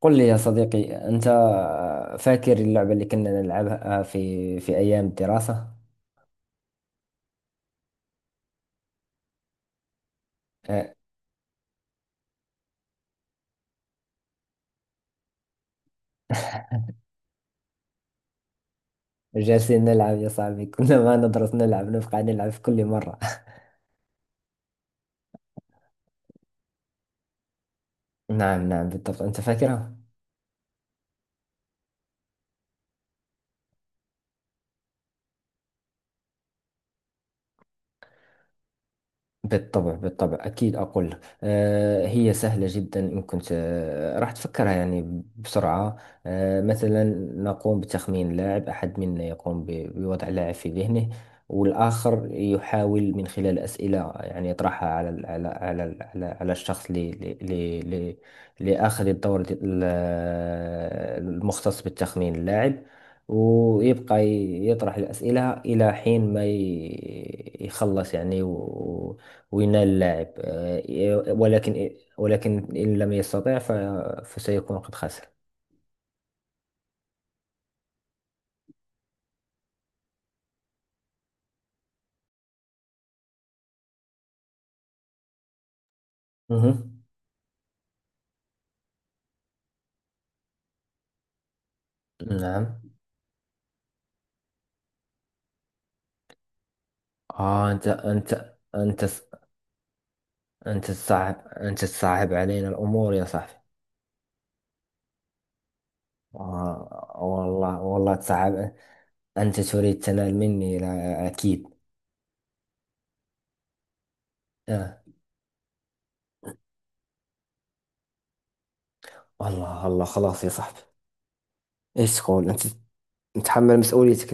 قل لي يا صديقي، أنت فاكر اللعبة اللي كنا نلعبها في أيام الدراسة؟ آه، جالسين نلعب يا صاحبي، كنا ما ندرس، نلعب نبقى نلعب في كل مرة. نعم بالضبط، أنت فاكرها؟ بالطبع أكيد أقول لك. هي سهلة جدا إن كنت راح تفكرها يعني بسرعة. مثلا نقوم بتخمين لاعب، أحد منا يقوم بوضع لاعب في ذهنه، والآخر يحاول من خلال أسئلة يعني يطرحها على الشخص لآخذ الدور المختص بالتخمين اللاعب، ويبقى يطرح الأسئلة إلى حين ما يخلص يعني، وينال اللاعب. ولكن إن لم يستطع فسيكون قد خسر. مهم. نعم. آه، أنت أنت تصعب، أنت تصعب علينا الأمور يا صاحبي. آه، والله والله تصعب. أنت تريد تنال مني، لا أكيد. آه، الله الله، خلاص يا صاحبي. ايش تقول انت، تتحمل مسؤوليتك؟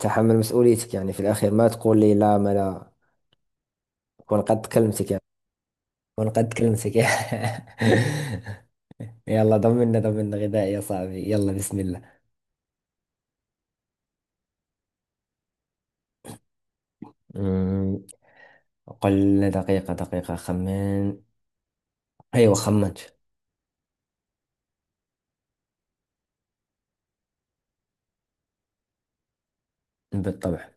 تحمل مسؤوليتك يعني، في الاخير ما تقول لي لا، ما لا اكون قد كلمتك يعني. ونقد كلمتك. يلا، ضمنا غذاء يا صاحبي، يلا بسم الله. أمم، قل لنا. دقيقة خمن. أيوة، خمنت. بالطبع.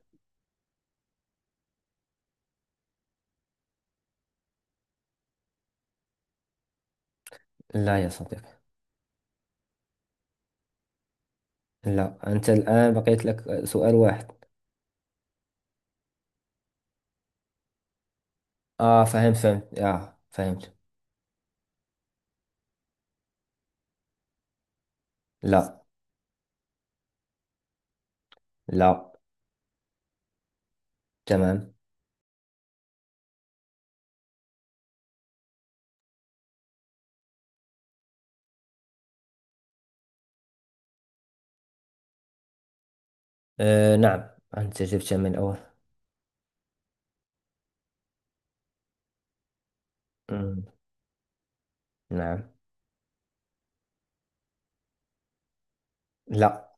لا يا صديقي. لا، أنت الآن بقيت لك سؤال واحد. آه، فهمت فهمت. لا لا. تمام. آه، نعم. أنت جبتها من الأول. أمم، نعم. لا.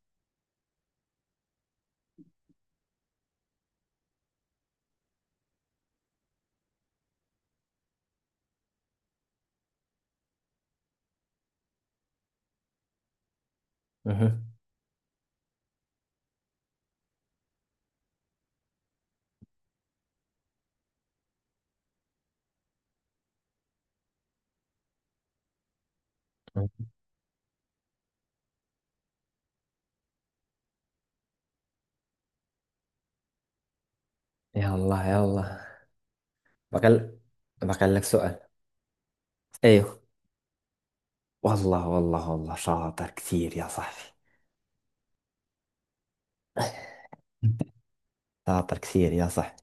مهم. يلا يلا. بقى بقى لك سؤال. ايوه. والله والله شاطر كثير يا صاحبي. شاطر كثير يا صاحبي.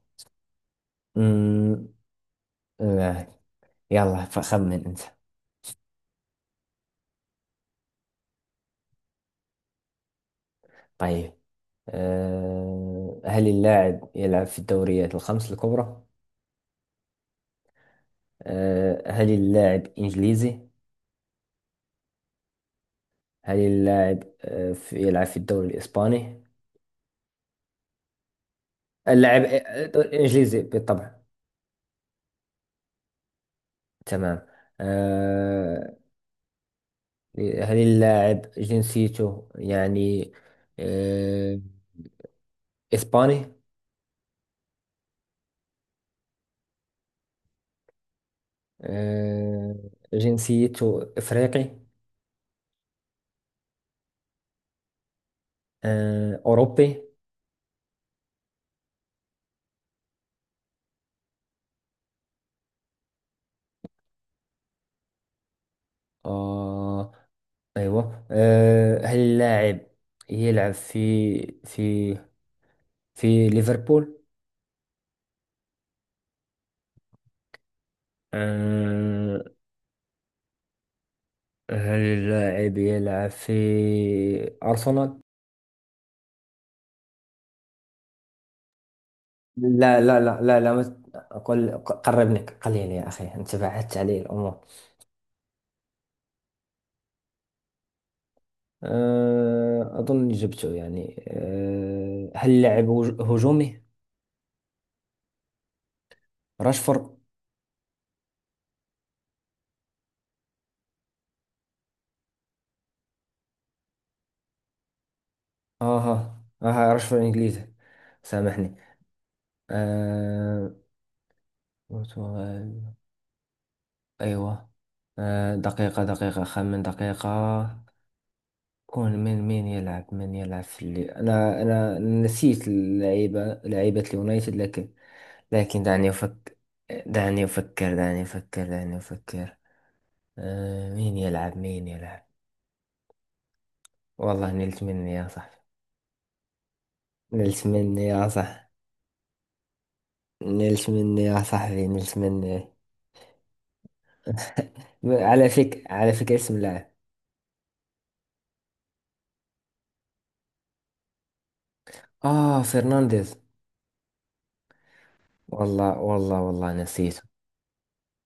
أمم، آه، يلا فخمن أنت. طيب. آه، هل اللاعب يلعب في الدوريات الخمس الكبرى؟ آه، هل اللاعب إنجليزي؟ هل اللاعب آه، يلعب في الدوري الإسباني؟ اللاعب آه، دوري إنجليزي بالطبع. تمام. آه، هل اللاعب جنسيته يعني آه، إسباني؟ آه، جنسيته إفريقي؟ آه، أوروبي؟ آه، أيوة. آه، هل اللاعب يلعب في في ليفربول؟ آه، هل اللاعب يلعب في أرسنال؟ لا أقول قربني قليل يا أخي، أنت بعدت علي الأمور. آه، أظن جبته يعني. آه، هل اللاعب هجومي؟ راشفورد. اها، ما هعرفش في الانجليزي، سامحني. آه، برتغال. ايوه. آه، دقيقة خمن دقيقة. كون من مين يلعب، من يلعب في اللي... انا نسيت اللعيبة، لعيبة اليونايتد، لكن لكن دعني افكر دعني افكر. آه، مين يلعب مين يلعب. والله نلت مني يا صاحبي، نلت مني يا صاحبي، نلت مني يا صاحبي، نلت مني. على فكرة، على فكرة، اسم لاعب. اه، فرنانديز. والله والله نسيته.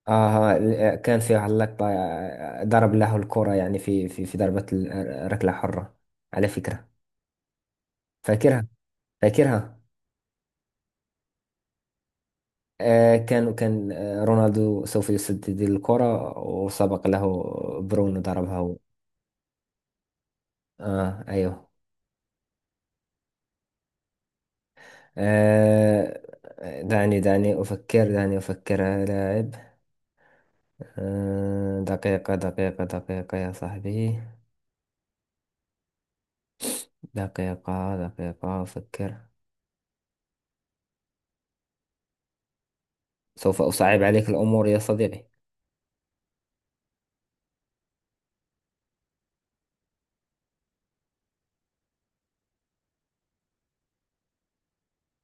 اه، كان في واحد اللقطة آه، ضرب له الكرة يعني في ضربة ركلة حرة. على فكرة، فاكرها، فاكرها. آه، كان كان آه، رونالدو سوف يسدد الكرة وسبق له برونو ضربها و... اه ايوه. آه، دعني أفكر، دعني أفكر. لاعب. آه، دقيقة يا صاحبي. دقيقة أفكر. سوف أصعب عليك الأمور يا صديقي.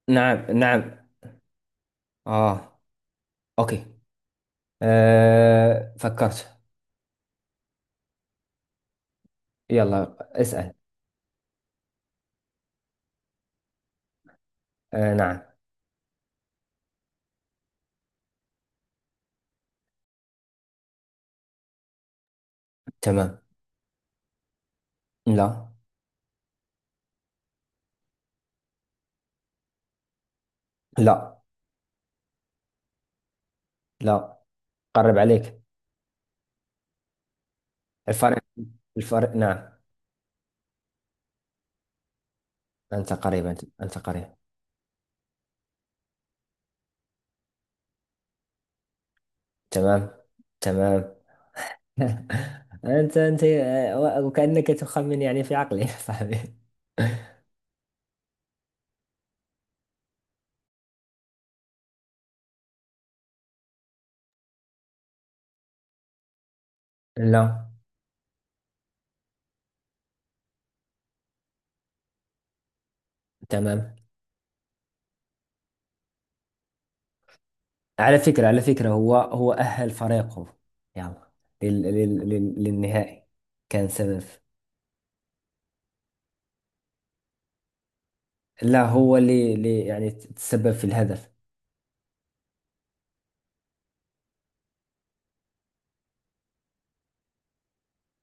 نعم. آه، أوكي. أه، فكرت. يلا اسأل. أه، نعم. تمام. لا. لا لا، قرب عليك. الفرق، الفرق نعم. أنت قريب، أنت قريب. تمام. تمام. أنت آه، وكأنك تخمن يعني في عقلي. يا صاحبي. لا. تمام. على فكرة، على فكرة، هو هو أهل فريقه يعني لل لل لل للنهائي كان سبب. لا، هو اللي يعني تسبب في الهدف.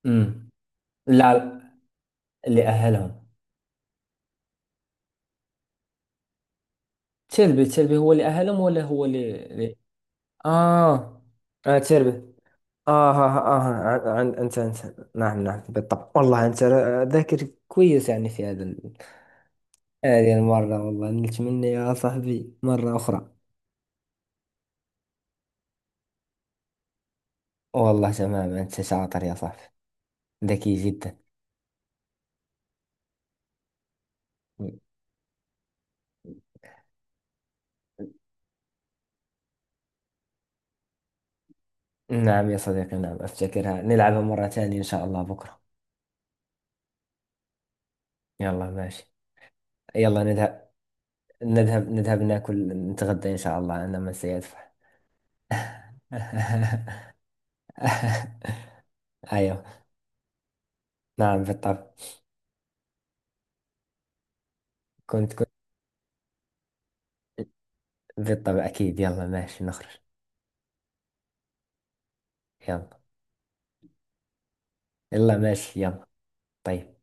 امم. لا، اللي أهلهم تشيربي. تشيربي هو اللي أهلهم، ولا هو اه. اه، تشربي. اه اه اه. انت انت، نعم نعم بالطبع. والله انت ذاكر كويس يعني في هذه المرة. والله نلت مني يا صاحبي مرة أخرى. والله تمام، أنت شاطر يا صاحبي، ذكي جدا. نعم يا صديقي، نعم أفتكرها، نلعبها مرة ثانية إن شاء الله بكرة. يلا ماشي. يلا نذهب، نذهب ناكل نتغدى إن شاء الله، أنا من سيدفع. أيوه. نعم بالطبع. كنت كنت. بالطبع أكيد، يلا ماشي نخرج. يلا. يلا ماشي يلا. طيب.